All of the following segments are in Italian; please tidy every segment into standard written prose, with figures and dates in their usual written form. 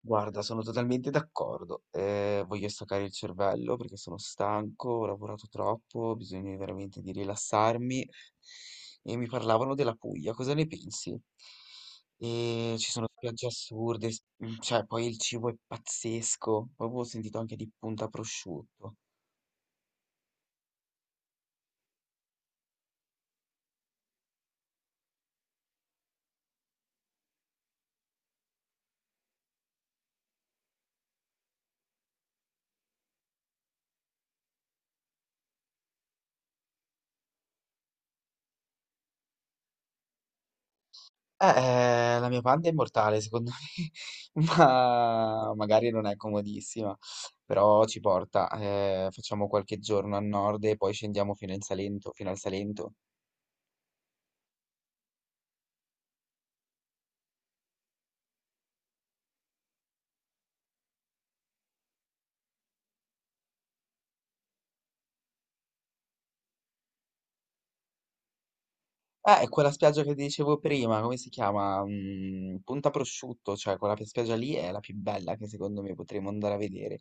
Guarda, sono totalmente d'accordo. Voglio staccare il cervello perché sono stanco, ho lavorato troppo, ho bisogno veramente di rilassarmi. E mi parlavano della Puglia, cosa ne pensi? E ci sono spiagge assurde, cioè poi il cibo è pazzesco. Poi avevo sentito anche di Punta Prosciutto. Eh, la mia panda è immortale, secondo me, ma magari non è comodissima, però ci porta. Facciamo qualche giorno a nord e poi scendiamo fino in Salento, fino al Salento. È quella spiaggia che ti dicevo prima, come si chiama? Punta Prosciutto, cioè quella spiaggia lì è la più bella che secondo me potremmo andare a vedere.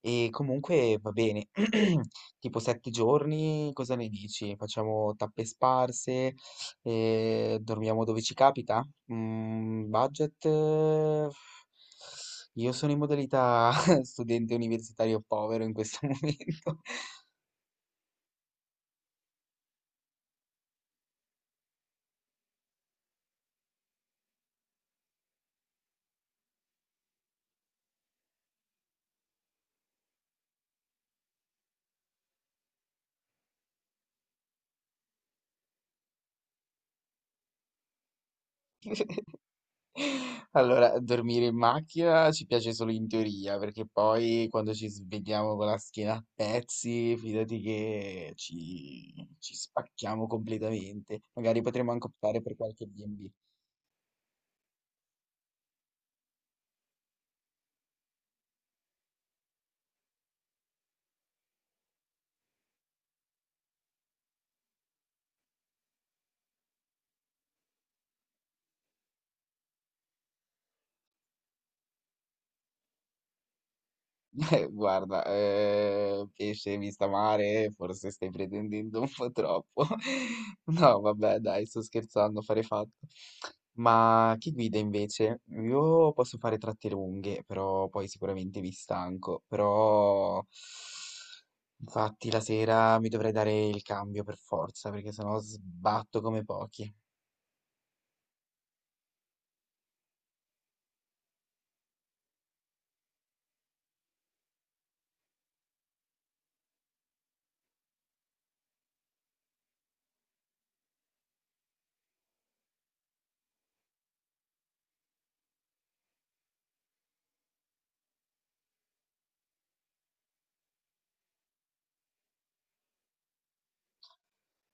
E comunque va bene, tipo 7 giorni, cosa ne dici? Facciamo tappe sparse, dormiamo dove ci capita? Budget? Io sono in modalità studente universitario povero in questo momento. Allora, dormire in macchina ci piace solo in teoria, perché poi quando ci svegliamo con la schiena a pezzi, fidati che ci spacchiamo completamente. Magari potremmo anche optare per qualche B&B. Guarda, pesce vista mare, forse stai pretendendo un po' troppo. No, vabbè, dai, sto scherzando, fare fatto. Ma chi guida invece? Io posso fare tratte lunghe, però poi sicuramente mi stanco. Però, infatti, la sera mi dovrei dare il cambio per forza, perché sennò sbatto come pochi.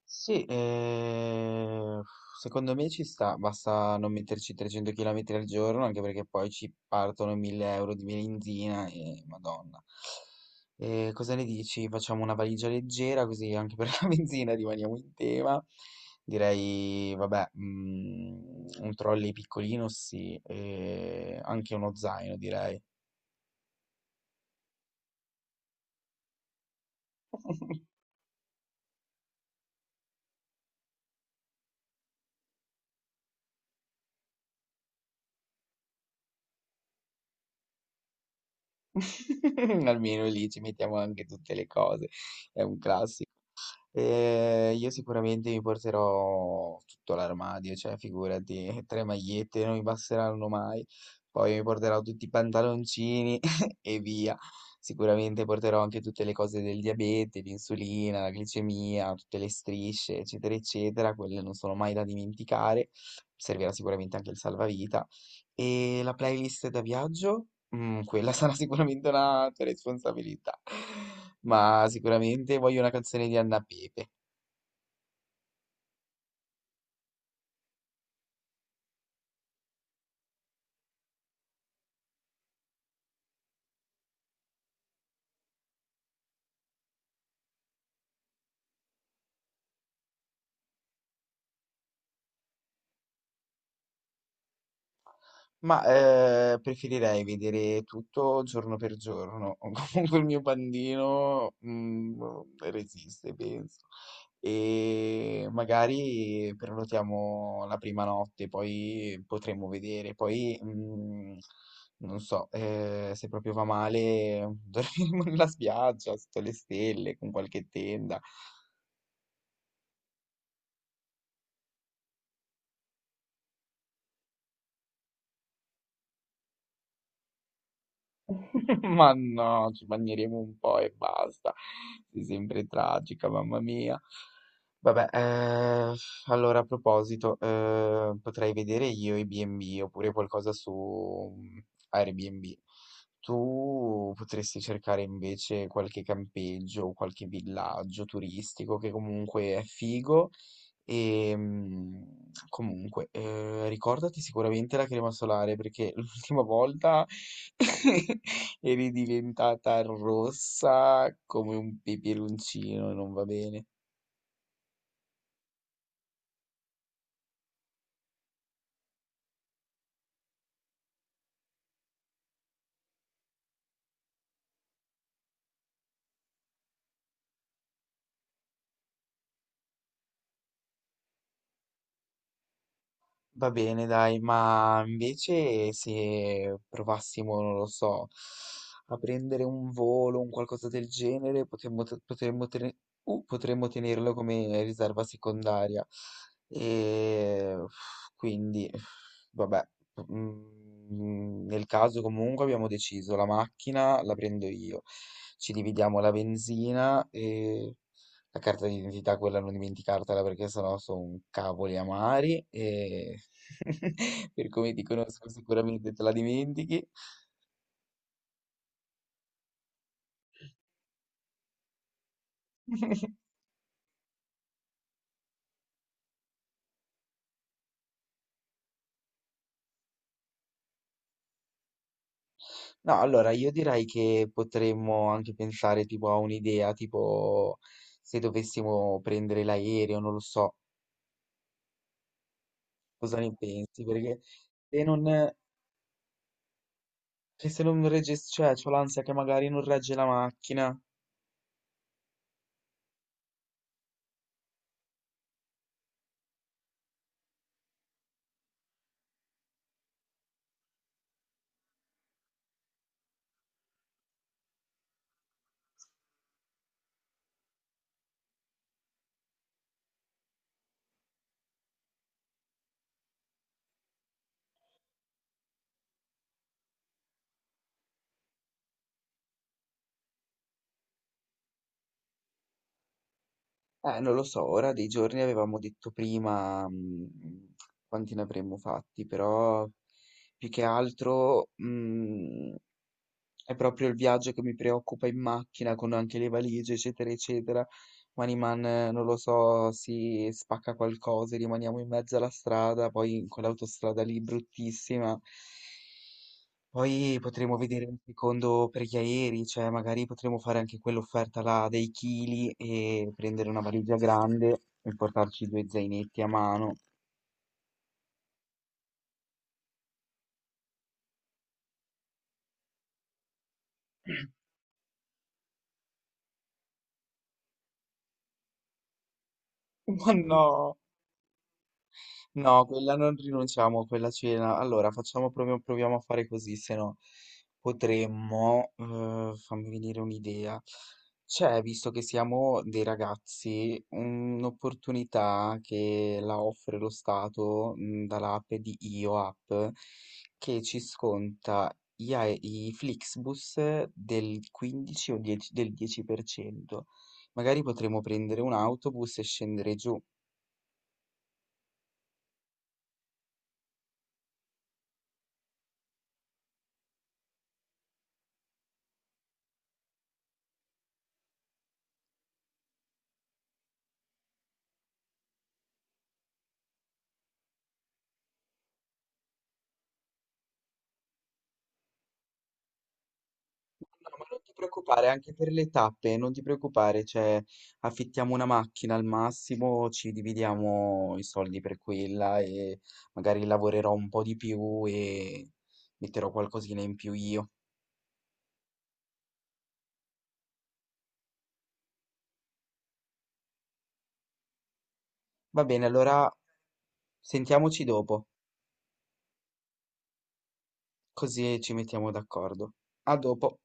Sì, secondo me ci sta, basta non metterci 300 km al giorno, anche perché poi ci partono 1000 euro di benzina e madonna. Cosa ne dici? Facciamo una valigia leggera, così anche per la benzina rimaniamo in tema. Direi, vabbè, un trolley piccolino, sì, e anche uno zaino, direi. Almeno lì ci mettiamo anche tutte le cose, è un classico. Io sicuramente mi porterò tutto l'armadio, cioè figurati, tre magliette non mi basteranno mai. Poi mi porterò tutti i pantaloncini e via. Sicuramente porterò anche tutte le cose del diabete, l'insulina, la glicemia, tutte le strisce, eccetera, eccetera. Quelle non sono mai da dimenticare. Servirà sicuramente anche il salvavita. E la playlist da viaggio? Quella sarà sicuramente una tua responsabilità, ma sicuramente voglio una canzone di Anna Pepe. Ma preferirei vedere tutto giorno per giorno. Comunque il mio pandino resiste, penso. E magari prenotiamo la prima notte, poi potremo vedere. Poi non so, se proprio va male, dormiremo nella spiaggia, sotto le stelle, con qualche tenda. Ma no, ci bagneremo un po' e basta. Sei sempre tragica, mamma mia. Vabbè, allora a proposito, potrei vedere io i B&B oppure qualcosa su Airbnb. Tu potresti cercare invece qualche campeggio o qualche villaggio turistico che comunque è figo e comunque, ricordati sicuramente la crema solare perché l'ultima volta eri diventata rossa come un peperoncino e non va bene. Va bene, dai, ma invece se provassimo, non lo so, a prendere un volo, un qualcosa del genere, potremmo tenerlo come riserva secondaria. E uff, quindi, vabbè, nel caso comunque abbiamo deciso, la macchina la prendo io, ci dividiamo la benzina, la carta d'identità, quella non dimenticartela perché sennò sono cavoli amari e per come ti conosco sicuramente te la dimentichi. No, allora io direi che potremmo anche pensare tipo a un'idea, tipo se dovessimo prendere l'aereo, non lo so, cosa ne pensi? Perché se non, che se non regge, cioè, c'ho l'ansia che magari non regge la macchina. Non lo so, ora dei giorni avevamo detto prima, quanti ne avremmo fatti, però più che altro, è proprio il viaggio che mi preoccupa in macchina con anche le valigie, eccetera, eccetera. Maniman, non lo so, si spacca qualcosa, e rimaniamo in mezzo alla strada, poi in quell'autostrada lì bruttissima. Poi potremo vedere un secondo per gli aerei, cioè magari potremo fare anche quell'offerta là dei chili e prendere una valigia grande e portarci due zainetti a mano. Ma no! No, quella, non rinunciamo a quella cena. Allora, facciamo, proviamo a fare così, se no potremmo, fammi venire un'idea. C'è, visto che siamo dei ragazzi, un'opportunità che la offre lo Stato, dall'app di Io App, che ci sconta i Flixbus del 15 o 10 del 10%. Magari potremmo prendere un autobus e scendere giù. No, ma non ti preoccupare, anche per le tappe, non ti preoccupare, cioè affittiamo una macchina al massimo, ci dividiamo i soldi per quella e magari lavorerò un po' di più e metterò qualcosina in più io. Va bene, allora sentiamoci dopo, così ci mettiamo d'accordo. A dopo.